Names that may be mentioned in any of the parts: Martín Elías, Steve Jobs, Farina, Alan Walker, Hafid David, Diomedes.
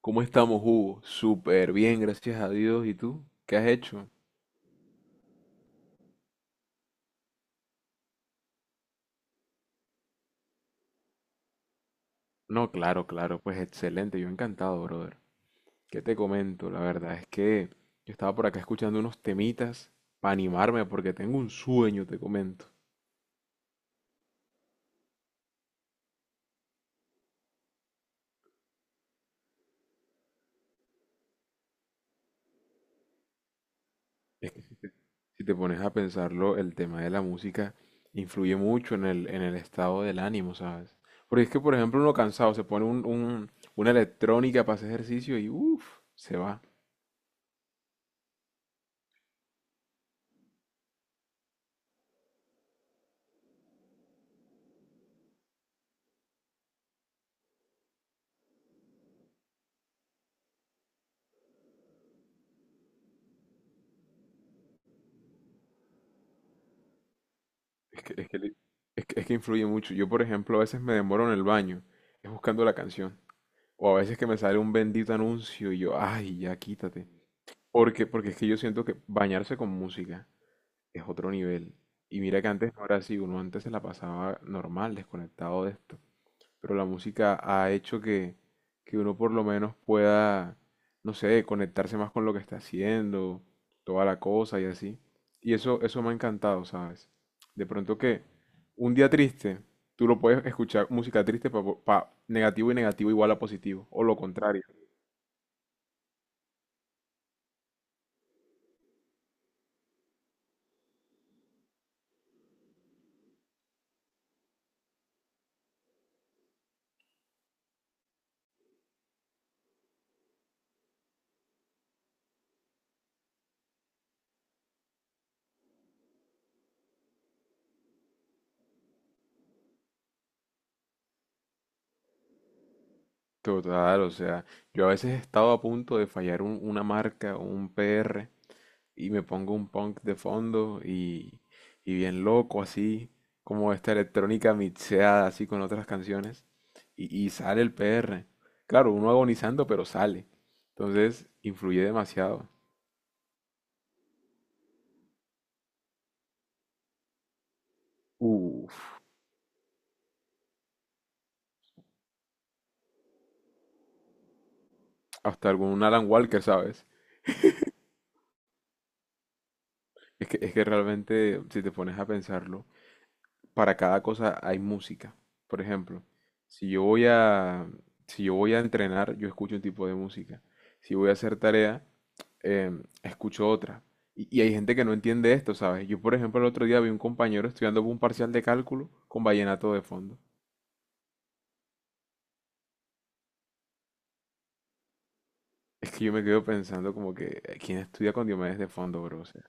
¿Cómo estamos, Hugo? Súper bien, gracias a Dios. ¿Y tú? ¿Qué has hecho? No, claro, claro, pues excelente, yo encantado, brother. ¿Qué te comento? La verdad es que yo estaba por acá escuchando unos temitas para animarme porque tengo un sueño, te comento. Si te pones a pensarlo, el tema de la música influye mucho en el estado del ánimo, ¿sabes? Porque es que, por ejemplo, uno cansado se pone una electrónica para hacer ejercicio y uff, se va. Es que, li- es que influye mucho. Yo, por ejemplo, a veces me demoro en el baño, es buscando la canción. O a veces que me sale un bendito anuncio y yo, ay, ya quítate. Porque es que yo siento que bañarse con música es otro nivel. Y mira que antes no era así, uno antes se la pasaba normal, desconectado de esto, pero la música ha hecho que uno por lo menos pueda, no sé, conectarse más con lo que está haciendo, toda la cosa y así. Y eso me ha encantado, ¿sabes? De pronto que un día triste, tú lo puedes escuchar música triste, para negativo y negativo igual a positivo, o lo contrario. Total, o sea, yo a veces he estado a punto de fallar una marca o un PR y me pongo un punk de fondo y bien loco así, como esta electrónica mixeada así con otras canciones y sale el PR. Claro, uno agonizando, pero sale. Entonces, influye demasiado. Uf, hasta algún Alan Walker, ¿sabes? Es que realmente, si te pones a pensarlo, para cada cosa hay música. Por ejemplo, si yo voy a, si yo voy a entrenar, yo escucho un tipo de música. Si voy a hacer tarea, escucho otra. Y hay gente que no entiende esto, ¿sabes? Yo, por ejemplo, el otro día vi un compañero estudiando un parcial de cálculo con vallenato de fondo. Es que yo me quedo pensando como que, ¿quién estudia con Diomedes de fondo, bro? O sea,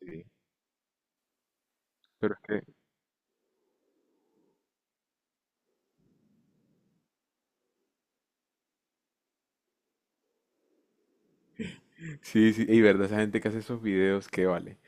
sí. Pero es que, sí, sí, y verdad, esa gente que hace esos videos, ¿qué vale?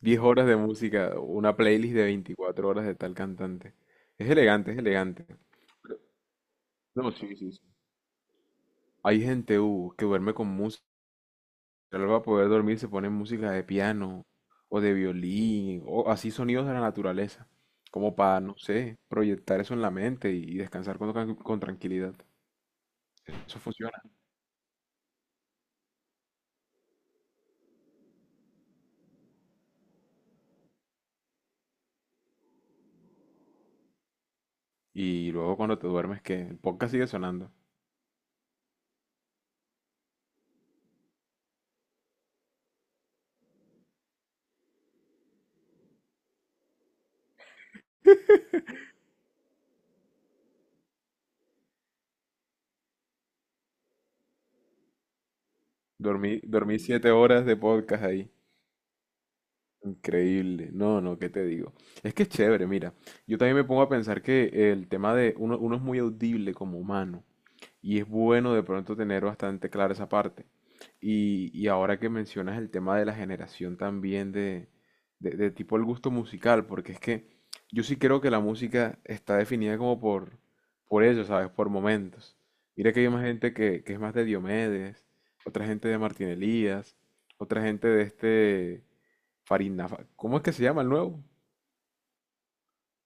10 horas de música, una playlist de 24 horas de tal cantante. Es elegante, es elegante. No, sí, sí, sí. Hay gente, que duerme con música. Solo para poder dormir se pone música de piano o de violín o así sonidos de la naturaleza, como para, no sé, proyectar eso en la mente y descansar con tranquilidad. Eso funciona. Y luego cuando te duermes, que el podcast sigue sonando. Dormí 7 horas de podcast ahí. Increíble. No, no, ¿qué te digo? Es que es chévere, mira. Yo también me pongo a pensar que el tema de uno es muy audible como humano y es bueno de pronto tener bastante clara esa parte. Y ahora que mencionas el tema de la generación también de tipo el gusto musical, porque es que yo sí creo que la música está definida como por eso, ¿sabes? Por momentos. Mira que hay más gente que es más de Diomedes, otra gente de Martín Elías, otra gente de este... Farina, ¿cómo es que se llama el nuevo?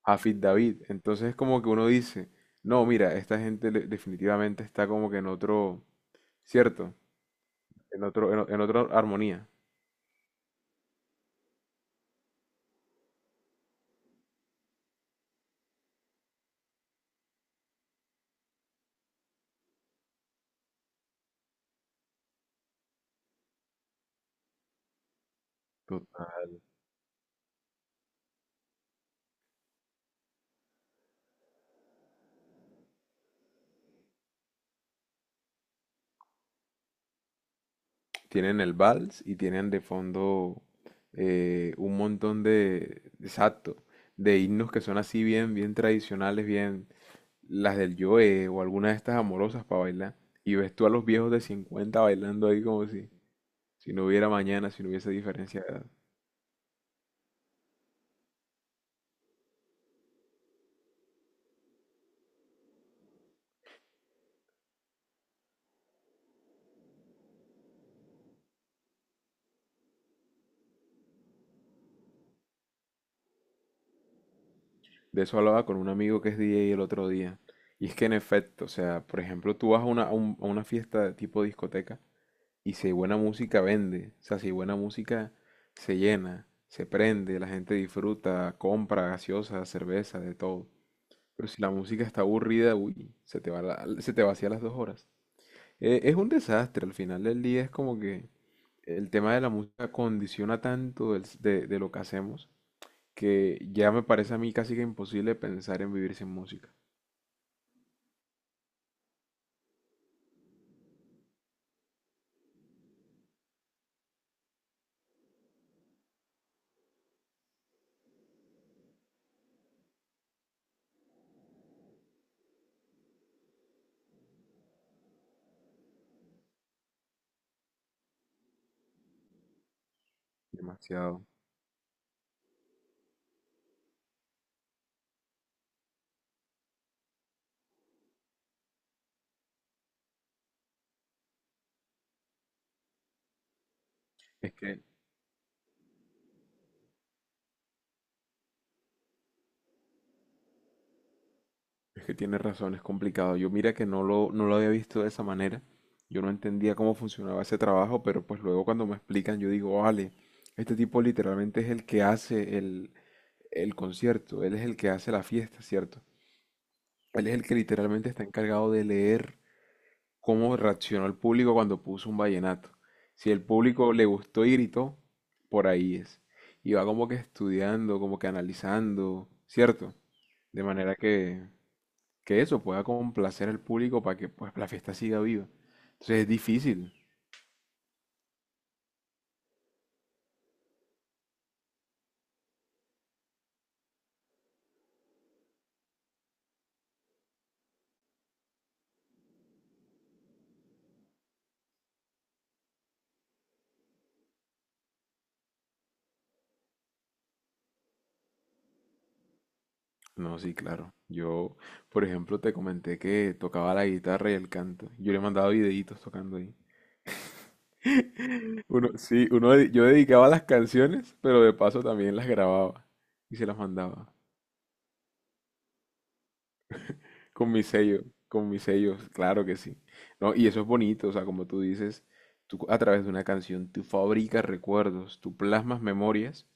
Hafid David. Entonces es como que uno dice, no, mira, esta gente definitivamente está como que en otro, ¿cierto? En otro, en otra armonía. Total. Tienen el vals y tienen de fondo, un montón de, exacto, de himnos que son así bien, bien tradicionales, bien, las del Joe o alguna de estas amorosas para bailar. Y ves tú a los viejos de 50 bailando ahí como si no hubiera mañana, si no hubiese diferencia de edad. De eso hablaba con un amigo que es DJ el otro día. Y es que en efecto, o sea, por ejemplo, tú vas a una fiesta de tipo discoteca y si hay buena música vende. O sea, si hay buena música se llena, se prende, la gente disfruta, compra gaseosa, cerveza, de todo. Pero si la música está aburrida, uy, se te vacía las 2 horas. Es un desastre, al final del día es como que el tema de la música condiciona tanto de lo que hacemos, que ya me parece a mí casi que imposible pensar en vivir sin música. Demasiado. Es que, es que tienes razón, es complicado. Yo mira que no lo había visto de esa manera. Yo no entendía cómo funcionaba ese trabajo, pero pues luego cuando me explican yo digo, vale, este tipo literalmente es el que hace el concierto, él es el que hace la fiesta, ¿cierto? Él es el que literalmente está encargado de leer cómo reaccionó el público cuando puso un vallenato. Si el público le gustó y gritó, por ahí es. Y va como que estudiando, como que analizando, ¿cierto? De manera que eso pueda complacer al público para que pues la fiesta siga viva. Entonces es difícil. No, sí, claro. Yo, por ejemplo, te comenté que tocaba la guitarra y el canto. Yo le mandaba videitos tocando ahí. Uno, sí, yo dedicaba las canciones, pero de paso también las grababa y se las mandaba. Con mis sellos, con mis sellos, claro que sí. No, y eso es bonito, o sea, como tú dices, tú a través de una canción, tú fabricas recuerdos, tú plasmas memorias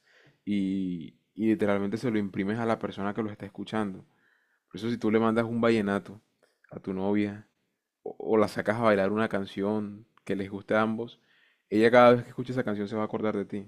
y literalmente se lo imprimes a la persona que lo está escuchando. Por eso si tú le mandas un vallenato a tu novia, o la sacas a bailar una canción que les guste a ambos, ella cada vez que escuche esa canción se va a acordar de ti.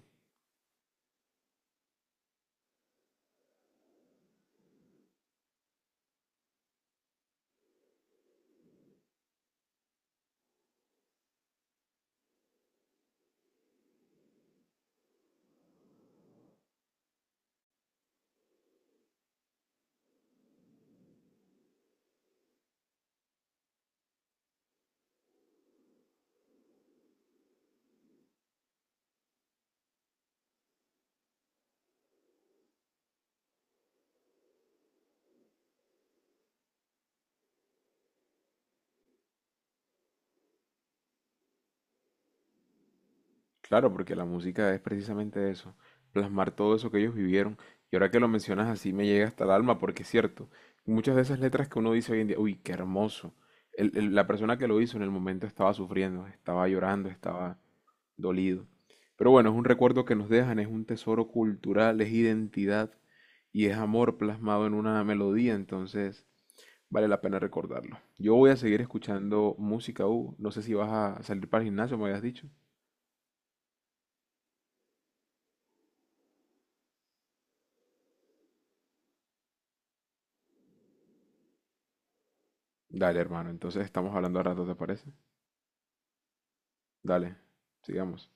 Claro, porque la música es precisamente eso, plasmar todo eso que ellos vivieron. Y ahora que lo mencionas así me llega hasta el alma, porque es cierto, muchas de esas letras que uno dice hoy en día, uy, qué hermoso. La persona que lo hizo en el momento estaba sufriendo, estaba llorando, estaba dolido. Pero bueno, es un recuerdo que nos dejan, es un tesoro cultural, es identidad y es amor plasmado en una melodía, entonces vale la pena recordarlo. Yo voy a seguir escuchando música, Hugo. No sé si vas a salir para el gimnasio, me habías dicho. Dale, hermano. Entonces estamos hablando a rato, ¿te parece? Dale, sigamos.